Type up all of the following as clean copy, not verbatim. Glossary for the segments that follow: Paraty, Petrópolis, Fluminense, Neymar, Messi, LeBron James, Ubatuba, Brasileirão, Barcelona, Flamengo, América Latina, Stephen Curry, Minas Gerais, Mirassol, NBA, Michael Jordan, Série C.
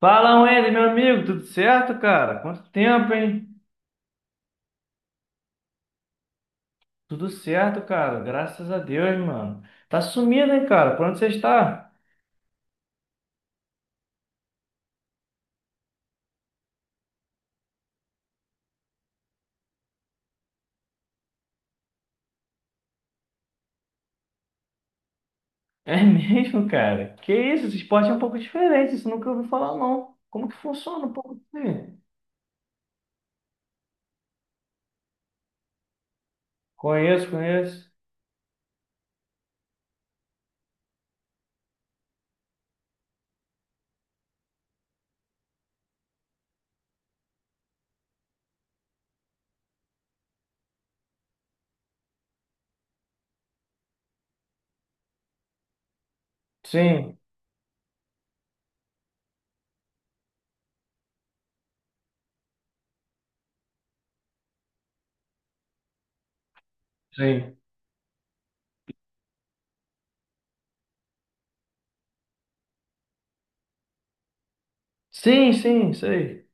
Fala, Wendy, meu amigo, tudo certo, cara? Quanto tempo, hein? Tudo certo, cara, graças a Deus, mano. Tá sumido, hein, cara? Por onde você está? É mesmo, cara? Que isso, esse esporte é um pouco diferente, isso eu nunca ouvi falar, não. Como que funciona um pouco assim? Conheço, conheço. Sim, sim. Sim, sim, sei.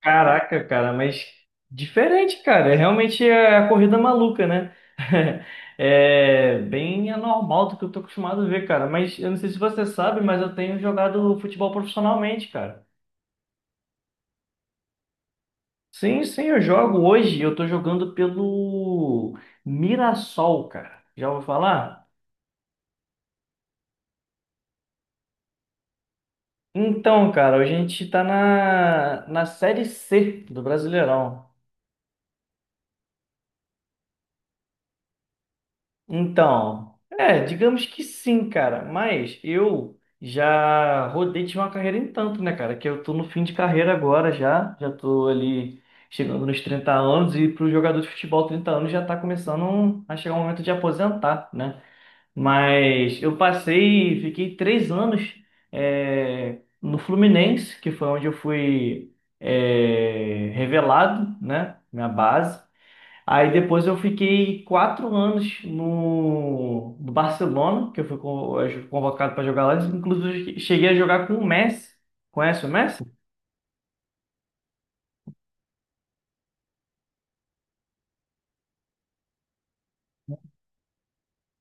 Caraca, cara, mas diferente, cara. Realmente é a corrida maluca, né? É bem anormal do que eu tô acostumado a ver, cara. Mas eu não sei se você sabe, mas eu tenho jogado futebol profissionalmente, cara. Sim, sim, eu jogo hoje. Eu tô jogando pelo Mirassol, cara. Já ouviu falar? Então, cara, a gente tá na Série C do Brasileirão. Então, é, digamos que sim, cara. Mas eu já rodei de uma carreira em tanto, né, cara? Que eu tô no fim de carreira agora já. Já tô ali chegando nos 30 anos, e pro jogador de futebol 30 anos já tá começando a chegar o momento de aposentar, né? Mas eu passei, fiquei 3 anos no Fluminense, que foi onde eu fui revelado, né? Minha base. Aí depois eu fiquei 4 anos no Barcelona, que eu fui convocado para jogar lá. Inclusive, cheguei a jogar com o Messi. Conhece o Messi?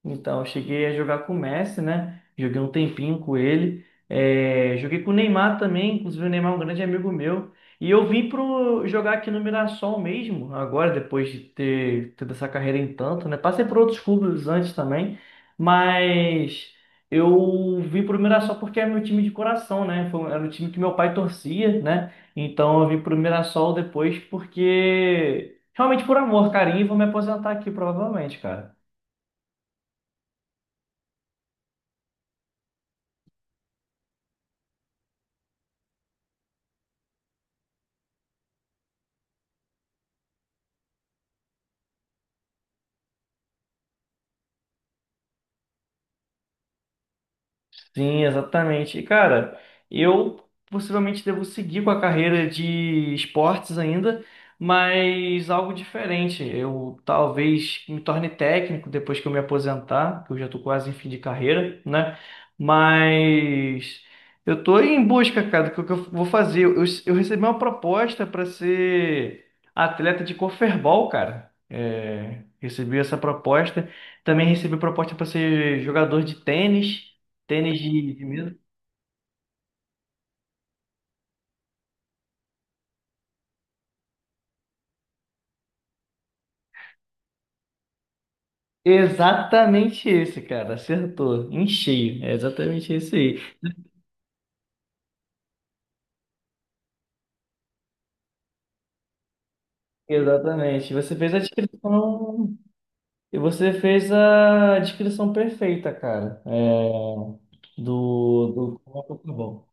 Então, eu cheguei a jogar com o Messi, né? Joguei um tempinho com ele. É, joguei com o Neymar também, inclusive o Neymar é um grande amigo meu. E eu vim pro jogar aqui no Mirassol mesmo, agora, depois de ter tido essa carreira em tanto, né? Passei por outros clubes antes também, mas eu vim pro Mirassol porque é meu time de coração, né? Era o time que meu pai torcia, né? Então eu vim pro Mirassol depois porque, realmente por amor, carinho, e vou me aposentar aqui provavelmente, cara. Sim, exatamente. E, cara, eu possivelmente devo seguir com a carreira de esportes ainda, mas algo diferente. Eu talvez me torne técnico depois que eu me aposentar, que eu já estou quase em fim de carreira, né? Mas eu estou em busca, cara, do que eu vou fazer. Eu recebi uma proposta para ser atleta de corferball, cara. É, recebi essa proposta. Também recebi proposta para ser jogador de tênis. Tênis de mesa? Exatamente esse, cara. Acertou. Em cheio. É exatamente esse aí. Exatamente. Você fez a descrição. E você fez a descrição perfeita, cara. É, do, do. Como é que eu tô bom.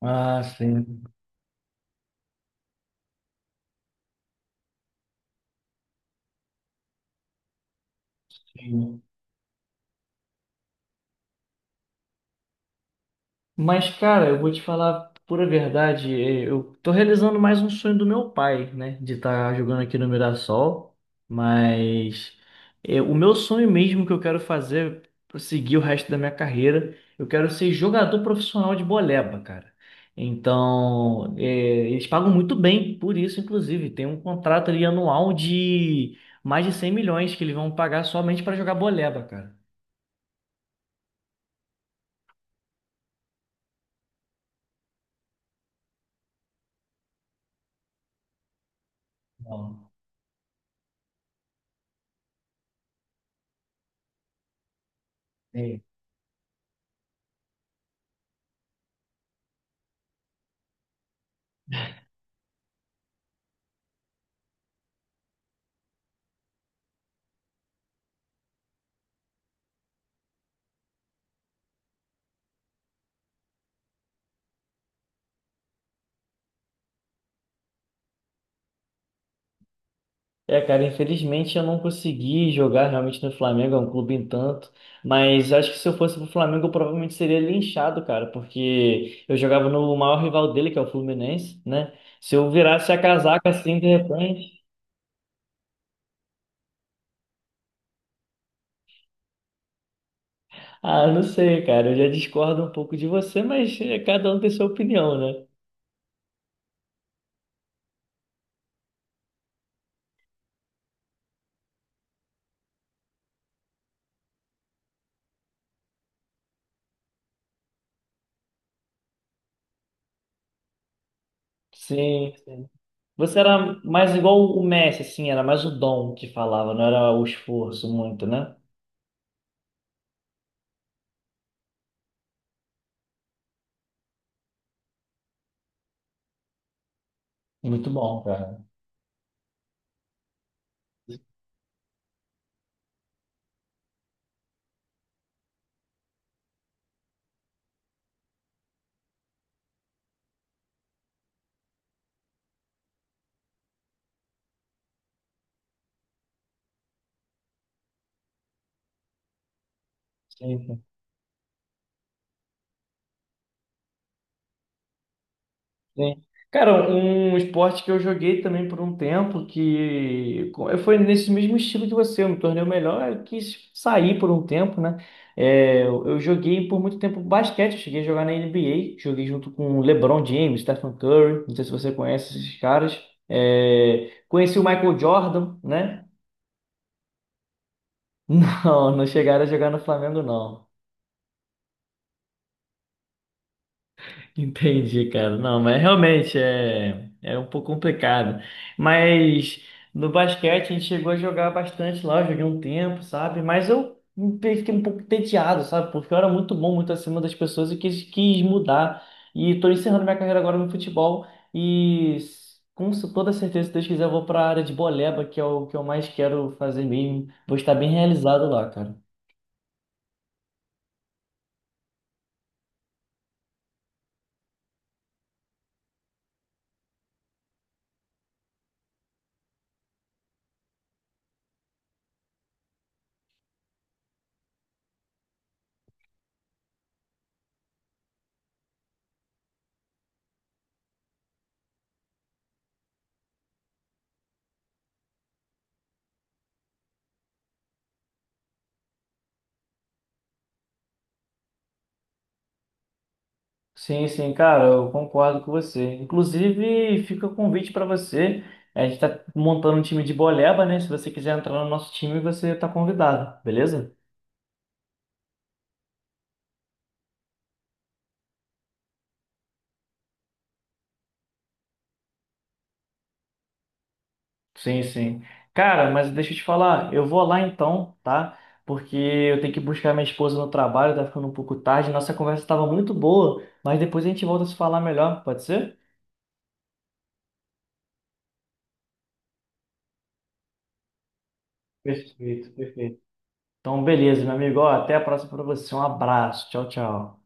Ah, sim. Sim. Mas, cara, eu vou te falar a pura verdade. Eu tô realizando mais um sonho do meu pai, né? De estar jogando aqui no Mirassol. Mas o meu sonho mesmo que eu quero fazer pra seguir o resto da minha carreira, eu quero ser jogador profissional de boleba, cara. Então, eles pagam muito bem por isso, inclusive. Tem um contrato ali anual de mais de 100 milhões que eles vão pagar somente para jogar boleba, cara. Então, é. É, cara, infelizmente eu não consegui jogar realmente no Flamengo, é um clube em tanto, mas acho que se eu fosse pro Flamengo eu provavelmente seria linchado, cara, porque eu jogava no maior rival dele, que é o Fluminense, né? Se eu virasse a casaca assim de repente, ah, não sei, cara, eu já discordo um pouco de você, mas cada um tem sua opinião, né? Sim, sim. Você era mais igual o Messi, assim, era mais o dom que falava, não era o esforço muito, né? Muito bom, cara. Sim, sim. Sim. Cara, um esporte que eu joguei também por um tempo, foi nesse mesmo estilo que você, eu me tornei o melhor, eu quis sair por um tempo, né? É, eu joguei por muito tempo basquete, eu cheguei a jogar na NBA, joguei junto com LeBron James, Stephen Curry, não sei se você conhece esses caras. É, conheci o Michael Jordan, né? Não, não chegaram a jogar no Flamengo, não. Entendi, cara. Não, mas realmente é um pouco complicado. Mas no basquete a gente chegou a jogar bastante lá, eu joguei um tempo, sabe? Mas eu fiquei um pouco entediado, sabe? Porque eu era muito bom, muito acima das pessoas e quis mudar. E tô encerrando minha carreira agora no futebol e com toda certeza, se Deus quiser, eu vou para a área de boleba, que é o que eu mais quero fazer mesmo. Vou estar bem realizado lá, cara. Sim, sim, cara, eu concordo com você. Inclusive, fica o convite para você. A gente está montando um time de boleba, né? Se você quiser entrar no nosso time, você está convidado, beleza? Sim, sim. Cara, mas deixa eu te falar, eu vou lá então, tá? Porque eu tenho que buscar minha esposa no trabalho, tá ficando um pouco tarde. Nossa conversa estava muito boa, mas depois a gente volta a se falar melhor, pode ser? Perfeito, perfeito. Então, beleza, meu amigo. Ó, até a próxima para você. Um abraço. Tchau, tchau.